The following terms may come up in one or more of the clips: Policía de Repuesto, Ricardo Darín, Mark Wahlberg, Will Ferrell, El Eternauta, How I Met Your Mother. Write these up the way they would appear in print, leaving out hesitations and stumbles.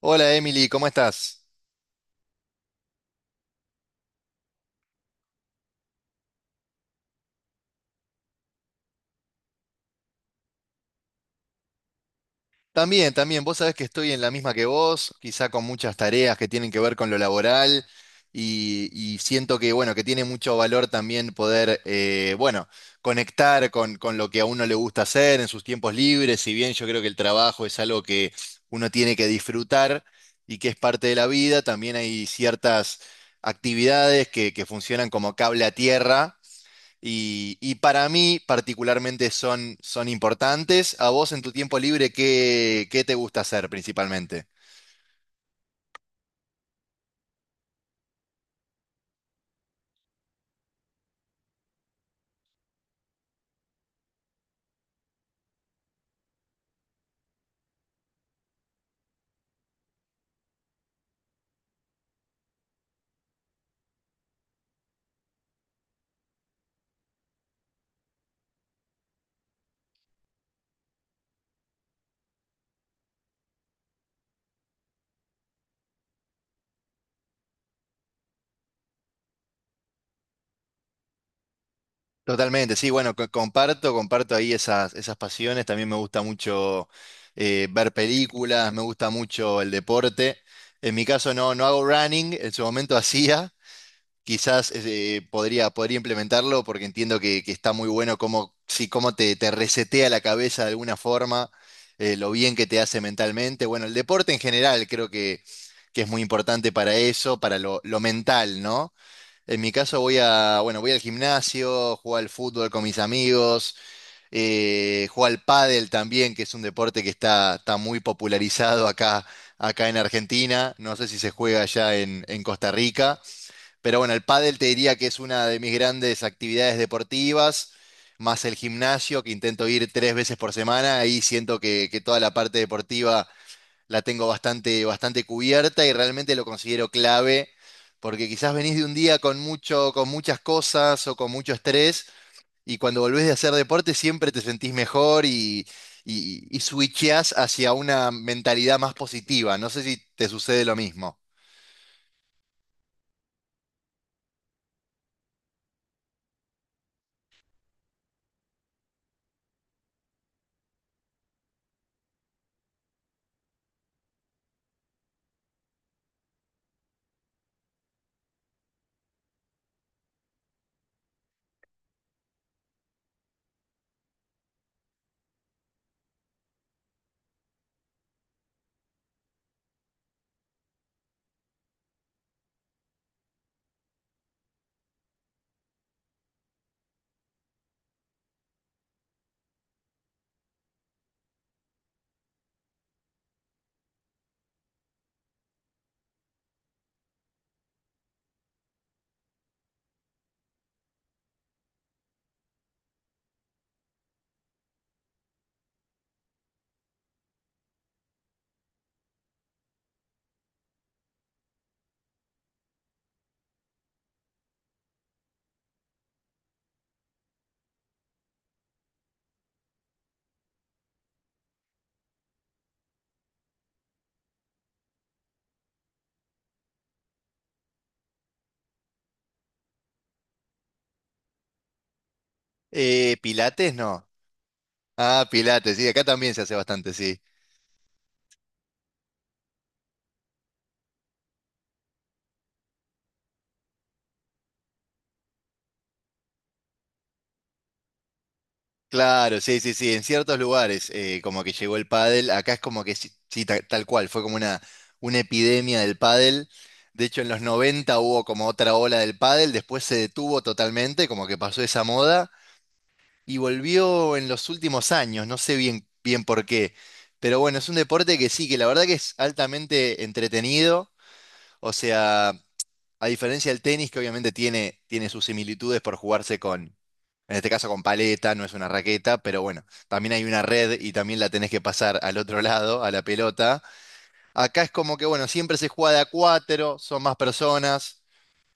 Hola Emily, ¿cómo estás? También, también, vos sabés que estoy en la misma que vos, quizá con muchas tareas que tienen que ver con lo laboral y siento que, bueno, que tiene mucho valor también poder, bueno, conectar con lo que a uno le gusta hacer en sus tiempos libres, si bien yo creo que el trabajo es algo que uno tiene que disfrutar y que es parte de la vida, también hay ciertas actividades que funcionan como cable a tierra. Y para mí particularmente son, son importantes. ¿A vos en tu tiempo libre qué, qué te gusta hacer principalmente? Totalmente, sí, bueno, comparto, comparto ahí esas, esas pasiones. También me gusta mucho ver películas, me gusta mucho el deporte. En mi caso no, no hago running, en su momento hacía, quizás podría, podría implementarlo porque entiendo que está muy bueno cómo, sí, cómo te, te resetea la cabeza de alguna forma, lo bien que te hace mentalmente. Bueno, el deporte en general creo que es muy importante para eso, para lo mental, ¿no? En mi caso voy a, bueno, voy al gimnasio, juego al fútbol con mis amigos, juego al pádel también, que es un deporte que está, está muy popularizado acá, acá en Argentina. No sé si se juega allá en Costa Rica. Pero bueno, el pádel te diría que es una de mis grandes actividades deportivas, más el gimnasio, que intento ir tres veces por semana. Ahí siento que toda la parte deportiva la tengo bastante, bastante cubierta y realmente lo considero clave, porque quizás venís de un día con mucho, con muchas cosas o con mucho estrés, y cuando volvés de hacer deporte siempre te sentís mejor y switcheás hacia una mentalidad más positiva. No sé si te sucede lo mismo. Pilates, no. Ah, Pilates, sí, acá también se hace bastante, sí. Claro, sí, sí, sí, en ciertos lugares como que llegó el pádel, acá es como que sí, sí, tal, cual, fue como una epidemia del pádel. De hecho, en los 90 hubo como otra ola del pádel, después se detuvo totalmente, como que pasó esa moda y volvió en los últimos años, no sé bien, bien por qué. Pero bueno, es un deporte que sí, que la verdad que es altamente entretenido, o sea... A diferencia del tenis, que obviamente tiene, tiene sus similitudes por jugarse con, en este caso con paleta, no es una raqueta, pero bueno, también hay una red y también la tenés que pasar al otro lado, a la pelota. Acá es como que, bueno, siempre se juega de a cuatro, son más personas,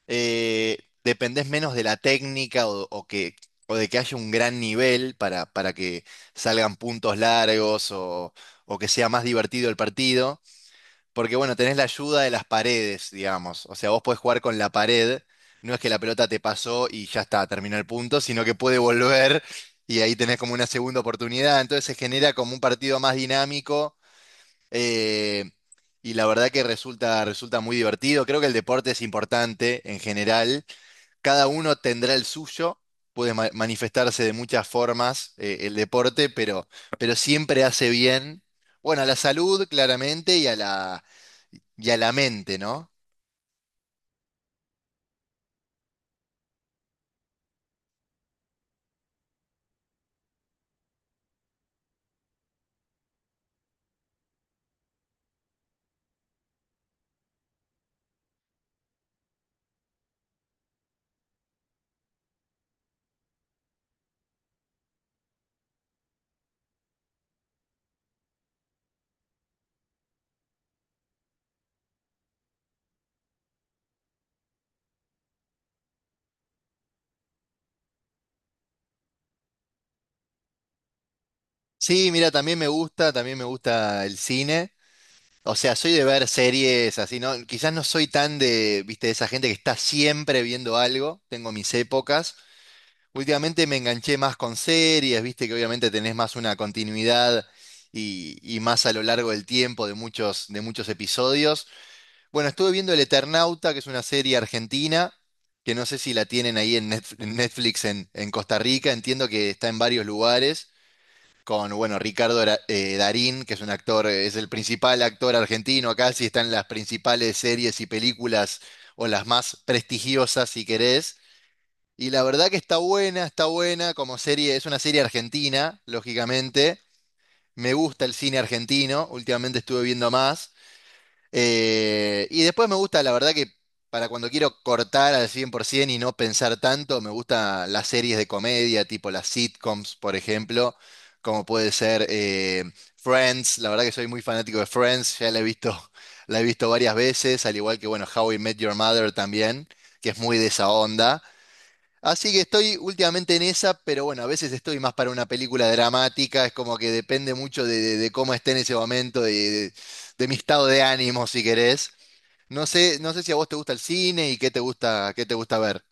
eh, dependés menos de la técnica o que, o de que haya un gran nivel para que salgan puntos largos o que sea más divertido el partido. Porque bueno, tenés la ayuda de las paredes, digamos. O sea, vos podés jugar con la pared. No es que la pelota te pasó y ya está, terminó el punto, sino que puede volver y ahí tenés como una segunda oportunidad. Entonces se genera como un partido más dinámico eh, y la verdad que resulta, resulta muy divertido. Creo que el deporte es importante en general. Cada uno tendrá el suyo. Puede manifestarse de muchas formas el deporte, pero siempre hace bien, bueno, a la salud claramente y a la mente, ¿no? Sí, mira, también me gusta el cine. O sea, soy de ver series así, ¿no? Quizás no soy tan de, viste, de esa gente que está siempre viendo algo. Tengo mis épocas. Últimamente me enganché más con series, viste, que obviamente tenés más una continuidad y más a lo largo del tiempo de muchos episodios. Bueno, estuve viendo El Eternauta, que es una serie argentina, que no sé si la tienen ahí en en Netflix en Costa Rica. Entiendo que está en varios lugares. Con, bueno, Darín, que es un actor, es el principal actor argentino acá, sí está en las principales series y películas o las más prestigiosas, si querés. Y la verdad que está buena como serie, es una serie argentina, lógicamente. Me gusta el cine argentino, últimamente estuve viendo más. Y después me gusta, la verdad que para cuando quiero cortar al 100% y no pensar tanto, me gustan las series de comedia, tipo las sitcoms, por ejemplo, como puede ser Friends, la verdad que soy muy fanático de Friends, ya la he visto, la he visto varias veces, al igual que, bueno, How I Met Your Mother también, que es muy de esa onda. Así que estoy últimamente en esa, pero bueno, a veces estoy más para una película dramática, es como que depende mucho de, de cómo esté en ese momento, de, de mi estado de ánimo, si querés. No sé, no sé si a vos te gusta el cine y qué te gusta ver.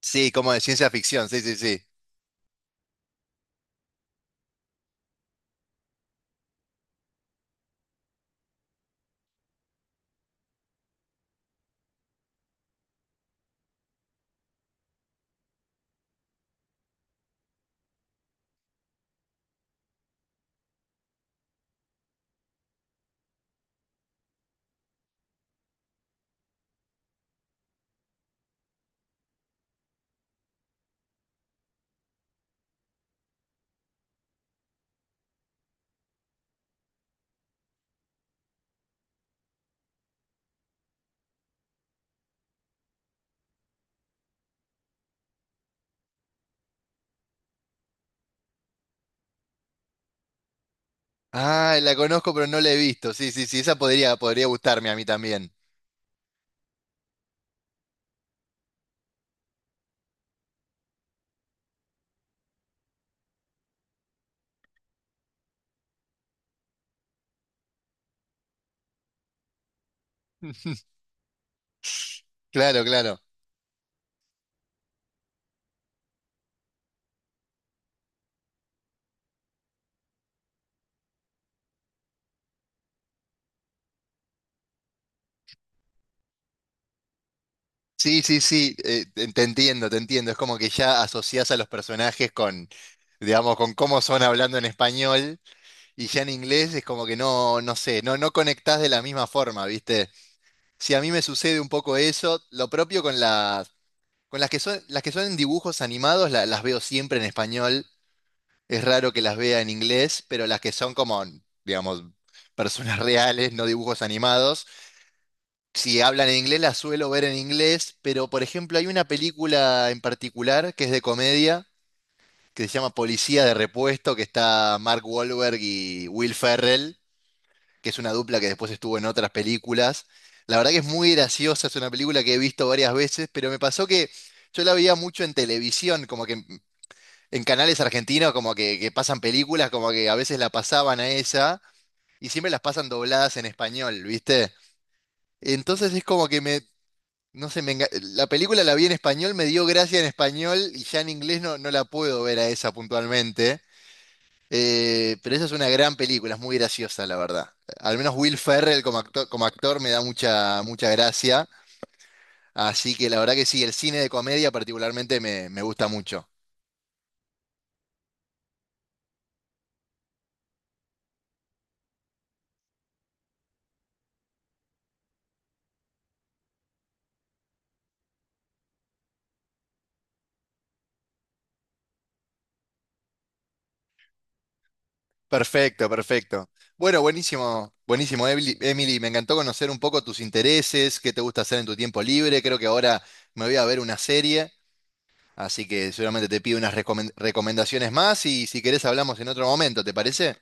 Sí, como de ciencia ficción, sí, sí, sí. Ah, la conozco, pero no la he visto. Sí, sí, sí, esa podría, podría gustarme a mí también. Claro, claro. Sí, sí, sí, te te entiendo, te entiendo. Es como que ya asociás a los personajes con, digamos, con cómo son hablando en español. Y ya en inglés es como que no, no sé, no, no conectás de la misma forma, ¿viste? Si a mí me sucede un poco eso, lo propio con las que son en dibujos animados, las veo siempre en español. Es raro que las vea en inglés, pero las que son como, digamos, personas reales, no dibujos animados. Si hablan en inglés, las suelo ver en inglés, pero por ejemplo hay una película en particular que es de comedia, que se llama Policía de Repuesto, que está Mark Wahlberg y Will Ferrell, que es una dupla que después estuvo en otras películas. La verdad que es muy graciosa, es una película que he visto varias veces, pero me pasó que yo la veía mucho en televisión, como que en canales argentinos, como que pasan películas, como que a veces la pasaban a esa, y siempre las pasan dobladas en español, ¿viste? Entonces es como que me, no sé, la película la vi en español, me dio gracia en español, y ya en inglés no, no la puedo ver a esa puntualmente. Pero esa es una gran película, es muy graciosa, la verdad. Al menos Will Ferrell como actor me da mucha, mucha gracia. Así que la verdad que sí, el cine de comedia particularmente me, me gusta mucho. Perfecto, perfecto. Bueno, buenísimo, buenísimo, Emily, Emily, me encantó conocer un poco tus intereses, qué te gusta hacer en tu tiempo libre. Creo que ahora me voy a ver una serie, así que seguramente te pido unas recomendaciones más y si querés hablamos en otro momento, ¿te parece?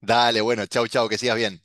Dale, bueno, chau, chau, que sigas bien.